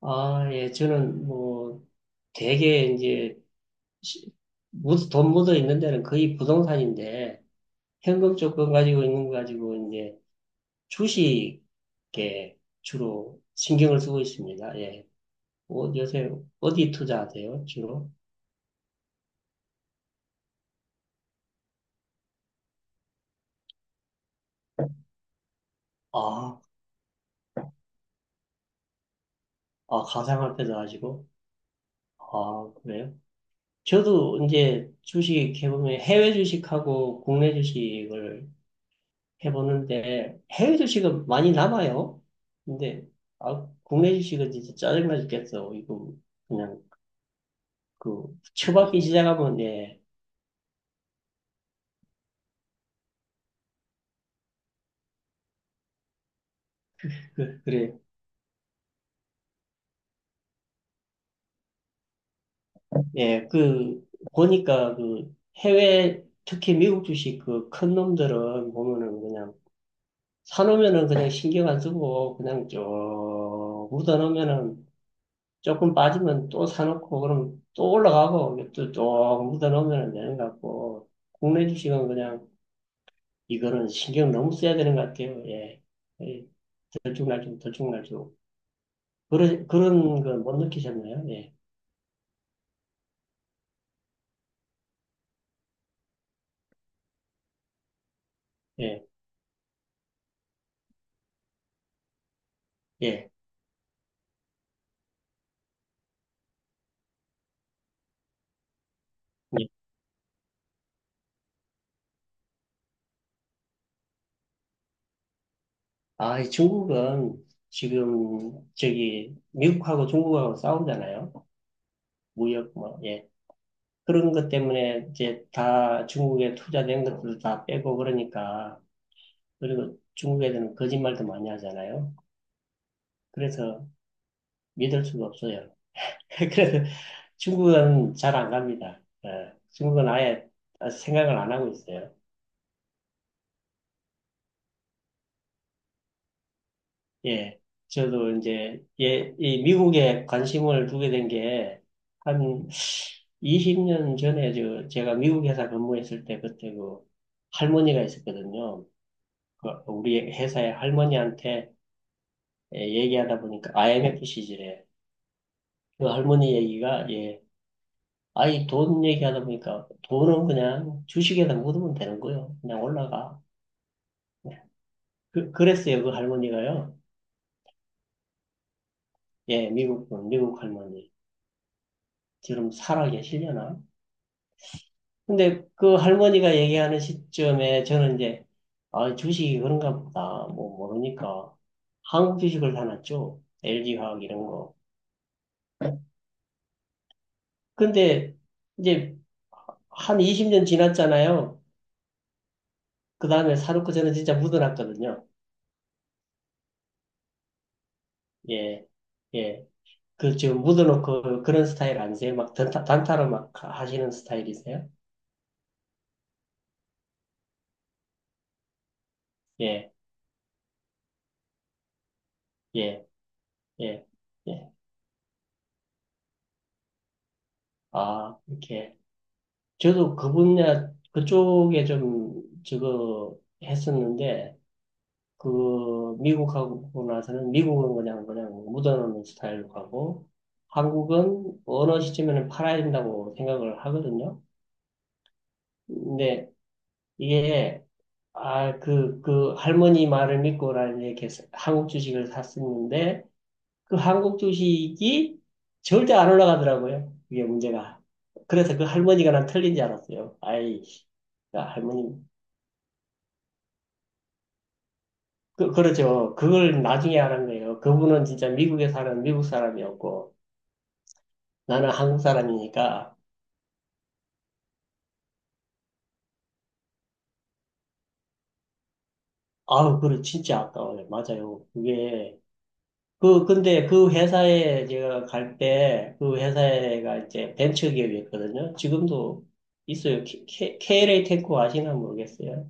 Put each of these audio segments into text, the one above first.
아, 예, 저는 뭐 되게 이제 시- 돈 묻어 있는 데는 거의 부동산인데, 현금 조건 가지고 있는 거 가지고 이제 주식에 주로 신경을 쓰고 있습니다. 예. 요새 어디 투자하세요, 주로? 아, 아, 가상화폐도 하시고? 아, 그래요? 저도 이제 주식 해보면 해외 주식하고 국내 주식을 해보는데, 해외 주식은 많이 남아요. 근데 아, 국내 주식은 진짜 짜증나 죽겠어. 이거 그냥 그 처박기 시작하면, 예, 그래. 예, 그 보니까 그 해외 특히 미국 주식 그 큰 놈들은 보면은 그냥 사놓으면은 그냥 신경 안 쓰고 그냥 쭉 묻어놓으면은, 조금 빠지면 또 사놓고, 그럼 또 올라가고, 또 쭉 묻어놓으면 되는 것 같고, 국내 주식은 그냥 이거는 신경 너무 써야 되는 것 같아요. 예. 예, 들쭉날쭉, 들쭉날쭉. 그런 거 못 느끼셨나요? 예, 예, 예. 예. 아, 이 중국은 지금 저기 미국하고 중국하고 싸우잖아요. 무역 뭐, 예. 그런 것 때문에 이제 다 중국에 투자된 것들도 다 빼고 그러니까, 그리고 중국 애들은 거짓말도 많이 하잖아요. 그래서 믿을 수가 없어요. 그래서 중국은 잘 안 갑니다. 예, 중국은 아예 생각을 안 하고 있어요. 예, 저도 이제 예, 이 미국에 관심을 두게 된 게 한 20년 전에 제가 미국 회사 근무했을 때, 그때 그 할머니가 있었거든요. 그 우리 회사의 할머니한테 예, 얘기하다 보니까 IMF 시절에, 그 할머니 얘기가 예, 아이 돈 얘기하다 보니까 돈은 그냥 주식에다 묻으면 되는 거예요. 그냥 올라가. 그랬어요, 그 할머니가요. 예, 미국 분, 미국 할머니. 지금 살아 계시려나? 근데 그 할머니가 얘기하는 시점에 저는 이제, 아, 주식이 그런가 보다. 뭐, 모르니까. 한국 주식을 사놨죠. LG화학 이런 거. 근데 이제 한 20년 지났잖아요. 그 다음에 사놓고 저는 진짜 묻어놨거든요. 예, 예. 그, 지금 묻어놓고 그런 스타일 아니세요? 막 단타, 단타로 막 하시는 스타일이세요? 예, 예, 예. 예. 아, 이렇게. 저도 그 분야, 그쪽에 좀, 저거, 했었는데, 그, 미국하고 나서는, 미국은 그냥, 그냥 묻어놓는 스타일로 가고, 한국은 어느 시점에는 팔아야 된다고 생각을 하거든요. 근데 이게, 아, 그, 할머니 말을 믿고 나는 이렇게 한국 주식을 샀었는데, 그 한국 주식이 절대 안 올라가더라고요. 그게 문제가. 그래서 그 할머니가 난 틀린 줄 알았어요. 아이, 야, 할머님. 그렇죠. 그걸 나중에 알았 거예요. 그분은 진짜 미국에 사는 미국 사람이었고, 나는 한국 사람이니까, 아우, 그래, 진짜 아까워요. 맞아요. 그게, 그, 근데 그 회사에 제가 갈 때, 그 회사가 이제 벤처기업이었거든요. 지금도 있어요. KLA 테크 아시나 모르겠어요.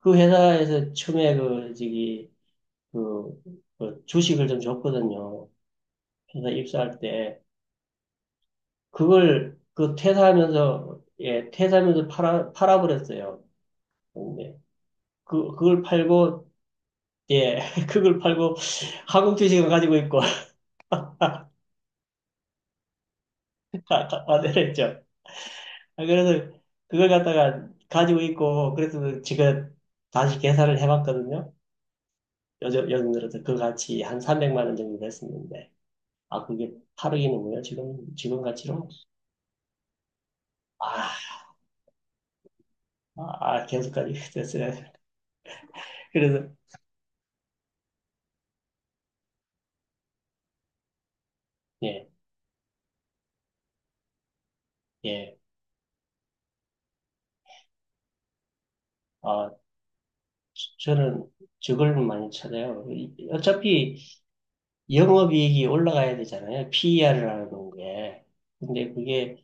그 회사에서 처음에 그, 저기, 그, 그 주식을 좀 줬거든요. 회사 입사할 때. 그걸 그 퇴사하면서, 예, 퇴사하면서 팔아버렸어요. 근데 그, 그걸 팔고, 예, 그걸 팔고 한국 주식을 가지고 있고, 다 만들었죠. 아, 그래서 그걸 갖다가 가지고 있고, 그래서 제가 다시 계산을 해봤거든요. 요즘 들어서 그 가치 한 300만 원 정도 됐었는데. 아, 그게 8억이는군요. 지금, 지금 가치로. 아, 아, 계속까지 됐어요. 그래서, 예, 예. 아, 저는 저걸 많이 찾아요. 어차피 영업이익이 올라가야 되잖아요. PER이라는 게. 근데 그게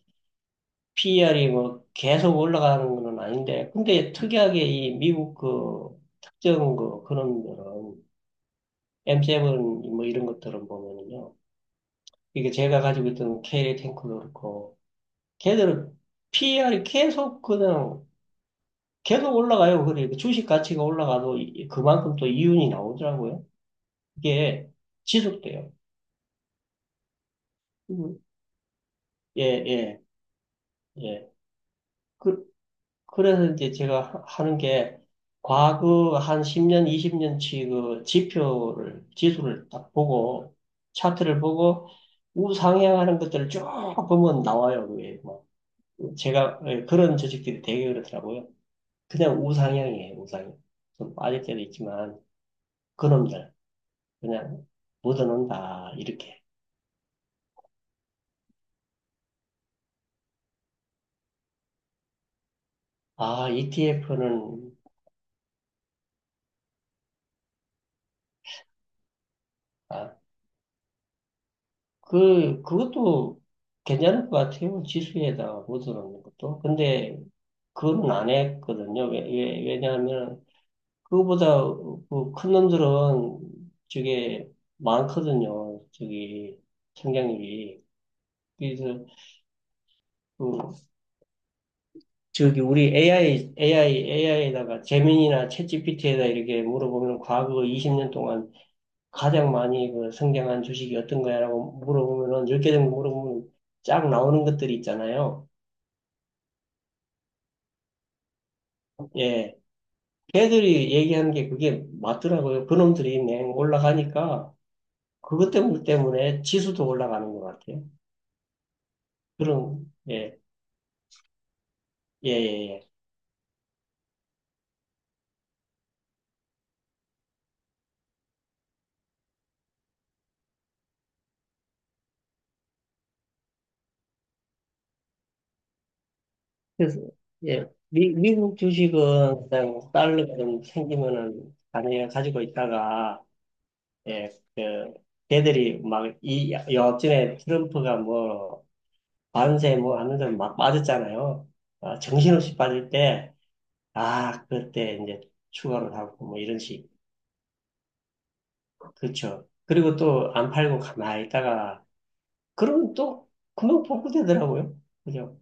PER이 뭐 계속 올라가는 건 아닌데, 근데 특이하게 이 미국 그 특정 그 그런 거는 M7 뭐 이런 것들은 보면은요. 이게 제가 가지고 있던 K 탱크도 그렇고, 걔들은 PER이 계속 그냥 계속 올라가요. 그러니까 주식 가치가 올라가도 그만큼 또 이윤이 나오더라고요. 이게 지속돼요. 음. 예, 예, 예. 그, 그래서 이제 제가 하는 게 과거 한 10년, 20년치 그 지표를, 지수를 딱 보고 차트를 보고 우상향하는 것들을 쭉 보면 나와요. 그게 뭐. 제가 예, 그런 주식들이 되게 그렇더라고요. 그냥 우상향이에요, 우상향. 좀 빠질 때도 있지만 그놈들. 그냥 묻어놓는다, 이렇게. 아, ETF는, 아, 그것도 괜찮을 것 같아요. 지수에다가 묻어놓는 것도. 근데, 그건 안 했거든요. 왜냐하면, 그거보다 그 큰 놈들은 저게 많거든요. 저기, 성장률이. 그래서, 그, 저기, 우리 AI에다가 제민이나 챗GPT에다 이렇게 물어보면 과거 20년 동안 가장 많이 그 성장한 주식이 어떤 거야라고 물어보면은 10개 정도 물어보면 쫙 나오는 것들이 있잖아요. 예. 걔들이 얘기하는 게 그게 맞더라고요. 그놈들이 냉 올라가니까 그것 때문에 지수도 올라가는 것 같아요. 그런 예. 예, 예, 예. 그래서 예. 미국 주식은 그냥 달러가 좀 생기면은 당연히 가지고 있다가, 예. 그 걔들이 막 이 여하튼에 트럼프가 뭐 밤새 뭐 하면서 막 빠졌잖아요. 아, 정신없이 빠질 때, 아, 그때 이제 추가로 사고 뭐 이런 식. 그렇죠. 그리고 또 안 팔고 가만히 있다가, 그러면 또 금방 복구되더라고요. 그죠?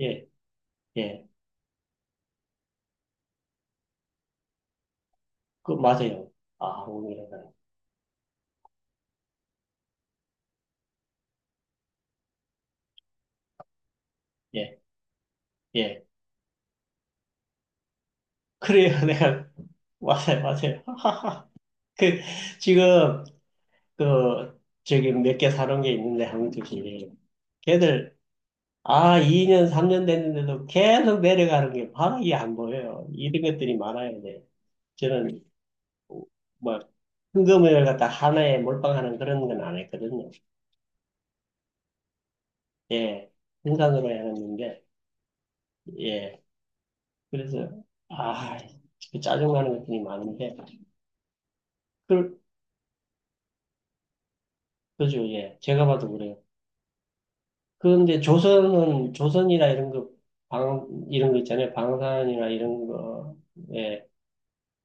예, 예. 그, 맞아요. 아, 오늘은, 예, 예. 그래요. 내가, 맞아요, 맞아요. 그, 지금, 그, 저기 몇 개 사놓은 게 있는데, 한두 개. 걔들, 아, 2년, 3년 됐는데도 계속 내려가는 게 바로 이게 안 보여요. 이런 것들이 많아야 돼. 저는 뭐 현금을 갖다 하나에 몰빵하는 그런 건 안 했거든요. 예, 생산으로 해놨는데, 예, 그래서 아, 그 짜증나는 것들이 많은데, 그, 그죠, 예, 제가 봐도 그래요. 그런데 조선은 조선이나 이런 거, 이런 거 있잖아요. 방산이나 이런 거, 예,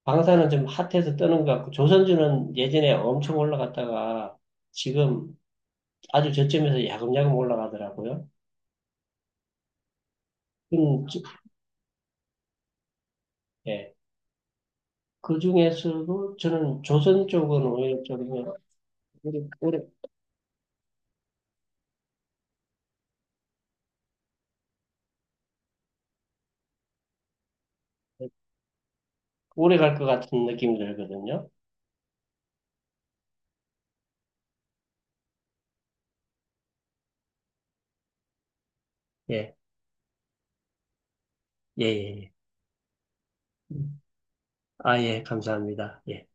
방사는 좀 핫해서 뜨는 것 같고, 조선주는 예전에 엄청 올라갔다가 지금 아주 저점에서 야금야금 올라가더라고요. 음, 저- 예. 그 중에서도 저는 조선 쪽은 오히려 좀 오래, 오래, 오래 갈 것 같은 느낌이 들거든요. 예, 예, 예. 예. 음. 아, 예, 감사합니다. 예.